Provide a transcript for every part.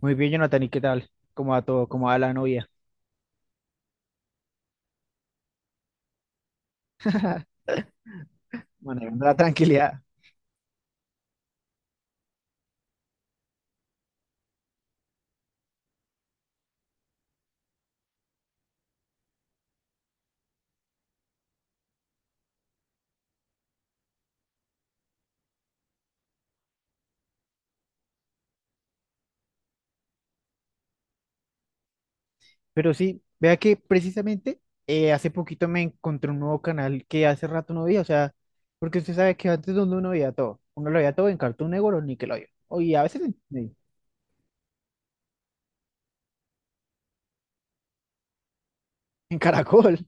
Muy bien, Jonathan, ¿y qué tal? ¿Cómo va todo? ¿Cómo va la novia? Manejando la tranquilidad. Pero sí, vea que precisamente hace poquito me encontré un nuevo canal que hace rato no veía, o sea, porque usted sabe que antes donde uno veía todo, uno lo veía todo en Cartoon Network o Nickelodeon, o y a veces en en Caracol.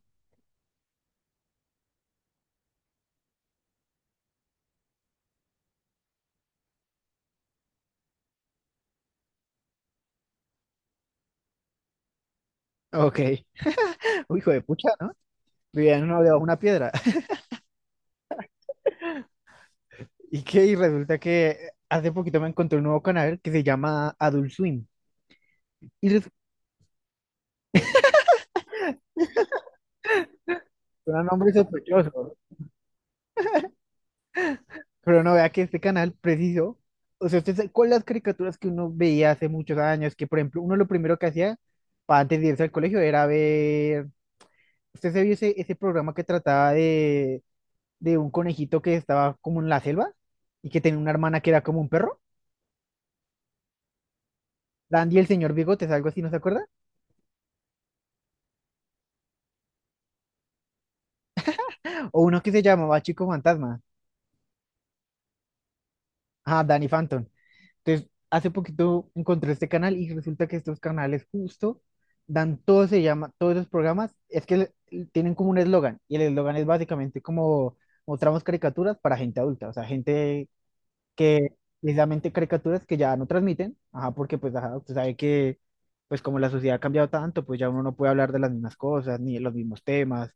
Ok, uy, hijo de pucha, ¿no? Vivía en una, debajo de una piedra. Y resulta que hace poquito me encontré un nuevo canal que se llama Adult Swim. Y resulta un nombre sospechoso. Pero no vea que este canal preciso, o sea, usted sabe, con las caricaturas que uno veía hace muchos años, que por ejemplo, uno lo primero que hacía para antes de irse al colegio era ver, usted se vio ese, ese programa que trataba de un conejito que estaba como en la selva y que tenía una hermana que era como un perro, Dandy el señor Bigotes, algo así, ¿no se acuerda? O uno que se llamaba Chico Fantasma, ah, Danny Phantom. Entonces, hace poquito encontré este canal y resulta que estos canales justo dan todo, se llama, todos los programas, es que tienen como un eslogan y el eslogan es básicamente como mostramos caricaturas para gente adulta, o sea, gente que precisamente caricaturas que ya no transmiten, ajá, porque pues ajá, usted sabe que pues como la sociedad ha cambiado tanto, pues ya uno no puede hablar de las mismas cosas ni de los mismos temas.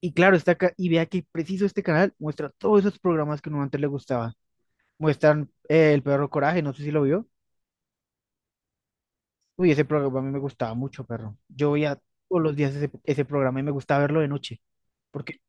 Y claro, está acá y vea que preciso este canal muestra todos esos programas que uno antes le gustaba. Muestran El Perro Coraje, no sé si lo vio. Uy, ese programa a mí me gustaba mucho, perro. Yo veía todos los días ese, ese programa y me gustaba verlo de noche. Porque,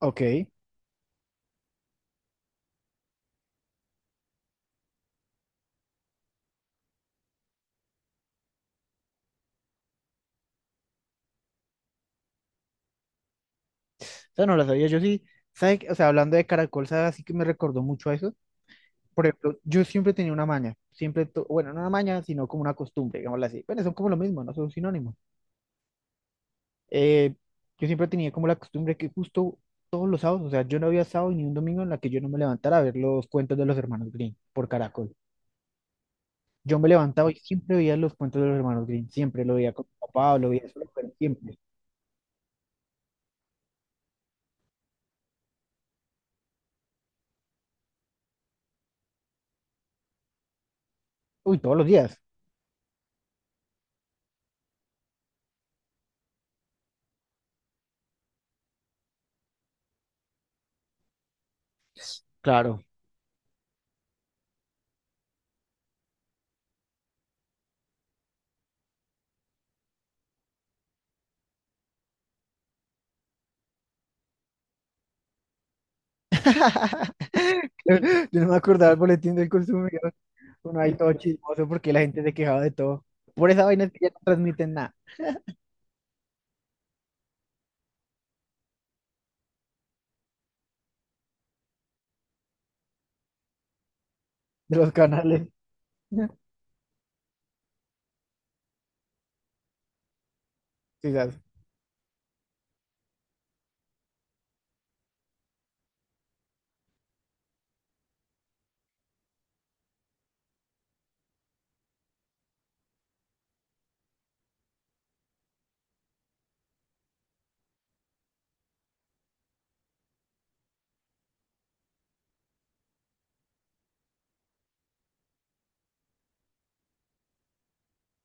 ok, o sea, no la sabía. Yo sí, ¿sabe qué? O sea, hablando de Caracol, ¿sabe? Así que me recordó mucho a eso. Por ejemplo, yo siempre tenía una maña. Siempre, bueno, no una maña, sino como una costumbre, digámoslo así. Bueno, son como lo mismo, no son sinónimos. Eh, yo siempre tenía como la costumbre que justo todos los sábados, o sea, yo no había sábado ni un domingo en la que yo no me levantara a ver los cuentos de los hermanos Green por Caracol. Yo me levantaba y siempre veía los cuentos de los hermanos Grimm, siempre lo veía con mi papá, lo veía solo, pero siempre. Uy, todos los días, claro. Yo no me acordaba del boletín del consumidor. Uno ahí todo chismoso porque la gente se quejaba de todo. Por esa vaina es que ya no transmiten nada de los canales. Quizás.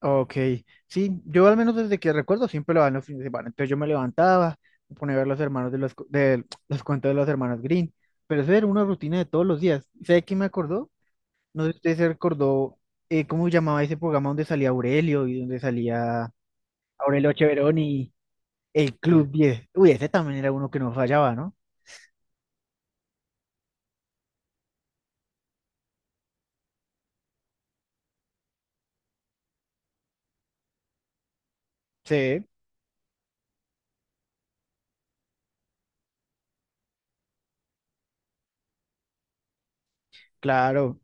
Ok, sí, yo al menos desde que recuerdo siempre lo dan los fines de semana. Entonces yo me levantaba, me ponía a ver los hermanos de los, de los cuentos de los hermanos Green, pero eso era una rutina de todos los días. ¿Sabe quién me acordó? No sé si usted se recordó cómo se llamaba ese programa donde salía Aurelio y donde salía Aurelio Cheverón y el Club diez. Uy, ese también era uno que no fallaba, ¿no? Sí, claro.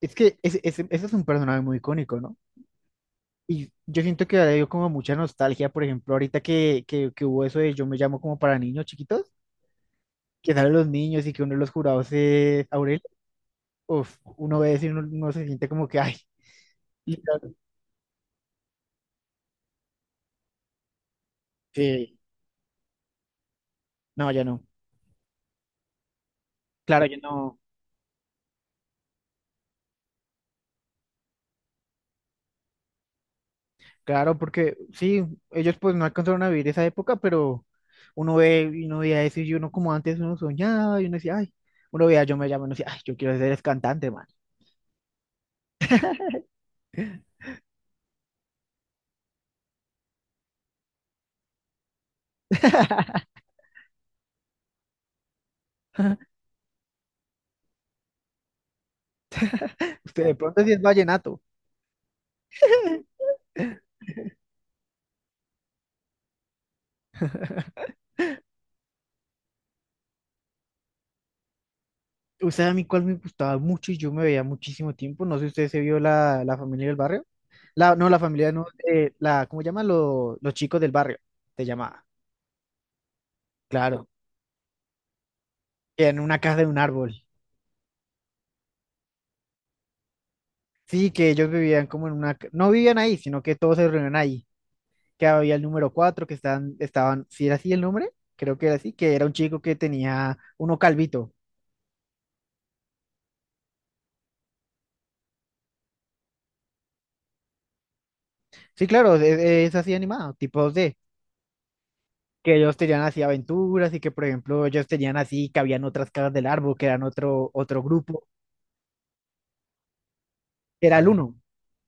Es que ese es un personaje muy icónico, ¿no? Y yo siento que le dio como mucha nostalgia, por ejemplo, ahorita que hubo eso de Yo me llamo como para niños chiquitos, que salen los niños y que uno de los jurados es Aurelio. Uf, uno ve eso y uno, uno se siente como que, ay, literal, sí, no, ya no. Claro, yo no. Claro, porque sí, ellos pues no alcanzaron a vivir esa época, pero uno ve y uno veía eso y uno como antes uno soñaba y uno decía, ay, uno veía, yo me llamo y uno decía, ay, yo quiero ser es cantante, man. Usted de pronto sí es vallenato. Usted a mí cuál me gustaba mucho y yo me veía muchísimo tiempo. No sé si usted se vio la, la familia del barrio. La, no, la familia no, la, ¿cómo llaman? Los chicos del barrio, se llamaba. Claro, en una casa de un árbol. Sí, que ellos vivían como en una, no vivían ahí, sino que todos se reunían ahí. Que había el número 4 que estaban, estaban, si era así el nombre, creo que era así, que era un chico que tenía uno calvito. Sí, claro, es así animado, tipo 2D, que ellos tenían así aventuras y que, por ejemplo, ellos tenían así, que habían otras caras del árbol, que eran otro, otro grupo, que era el Mm. uno.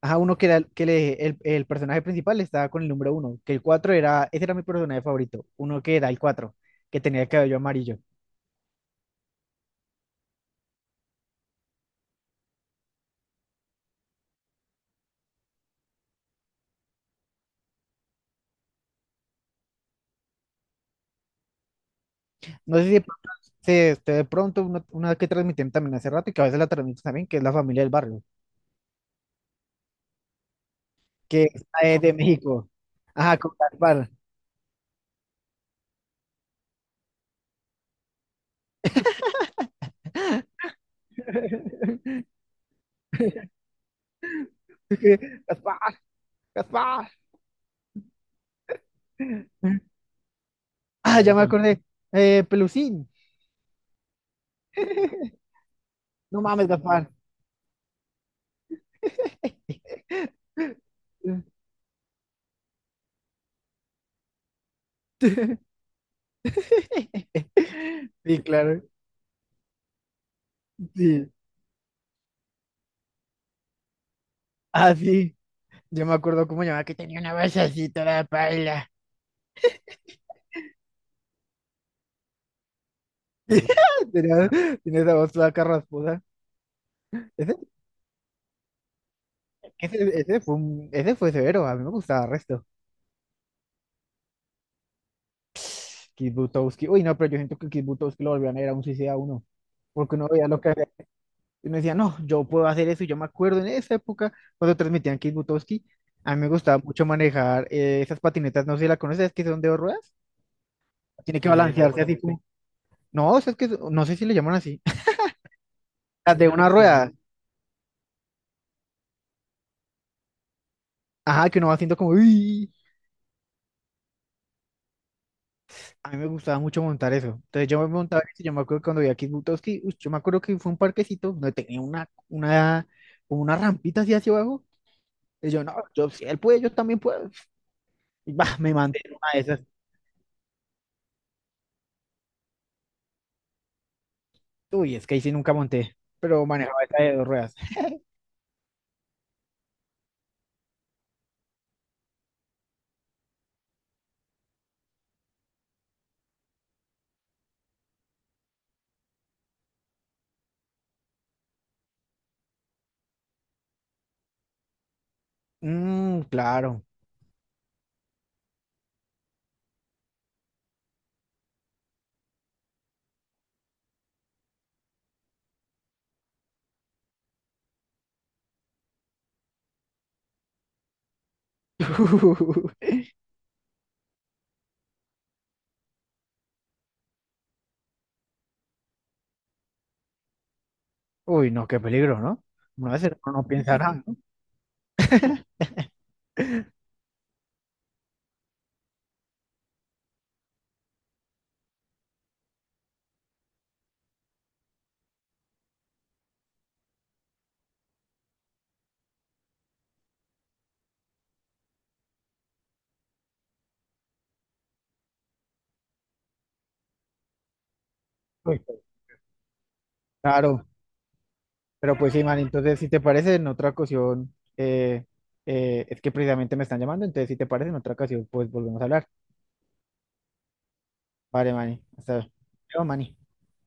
Ajá, uno que era el personaje principal estaba con el número uno, que el 4 era, ese era mi personaje favorito, uno que era el 4 que tenía el cabello amarillo. No sé si de pronto, este, de pronto una que transmitían también hace rato y que a veces la transmiten también, que es la familia del barrio. Que esta es de México. Ajá, con Gaspar. Es que, Gaspar, Gaspar. Ah, ya me acordé. Pelusín. No mames, Gaspar. Sí, claro. Sí. Ah, sí. Yo me acuerdo cómo llamaba que tenía una voz así toda paila. Tenía, tenía esa voz toda carraspuda. Ese, ese fue un- ese fue severo. A mí me gustaba el resto. Kit Butowski. Uy, no, pero yo siento que Kit Butowski lo volvían a ver a un suicida uno. Porque uno veía lo que hacía. Y uno decía, no, yo puedo hacer eso. Y yo me acuerdo en esa época, cuando transmitían Kit Butowski, a mí me gustaba mucho manejar esas patinetas. No sé si la conoces, que son de dos ruedas. Tiene que sí, sí, las de balancearse así conozco. Como. No, o sea, es que son- no sé si le llaman así. Las de una sí, rueda. Sí. Ajá, que uno va haciendo como. "Uy". A mí me gustaba mucho montar eso. Entonces yo me montaba eso. Y yo me acuerdo que cuando vi a Kit Butowski, uy, yo me acuerdo que fue un parquecito donde tenía una, como una rampita así hacia abajo. Y yo, no, yo, si él puede, yo también puedo. Y bah, me mandé en una de esas. Uy, es que ahí sí nunca monté, pero manejaba esa de dos ruedas. Mm, claro. Uy, no, qué peligro, ¿no? Una vez uno no piensa nada, ¿no? Uy, claro, pero pues sí, man, entonces si te parece, en otra ocasión, es que precisamente me están llamando, entonces si te parece, en otra ocasión, pues volvemos a hablar. Vale, Mani, hasta luego, Mani.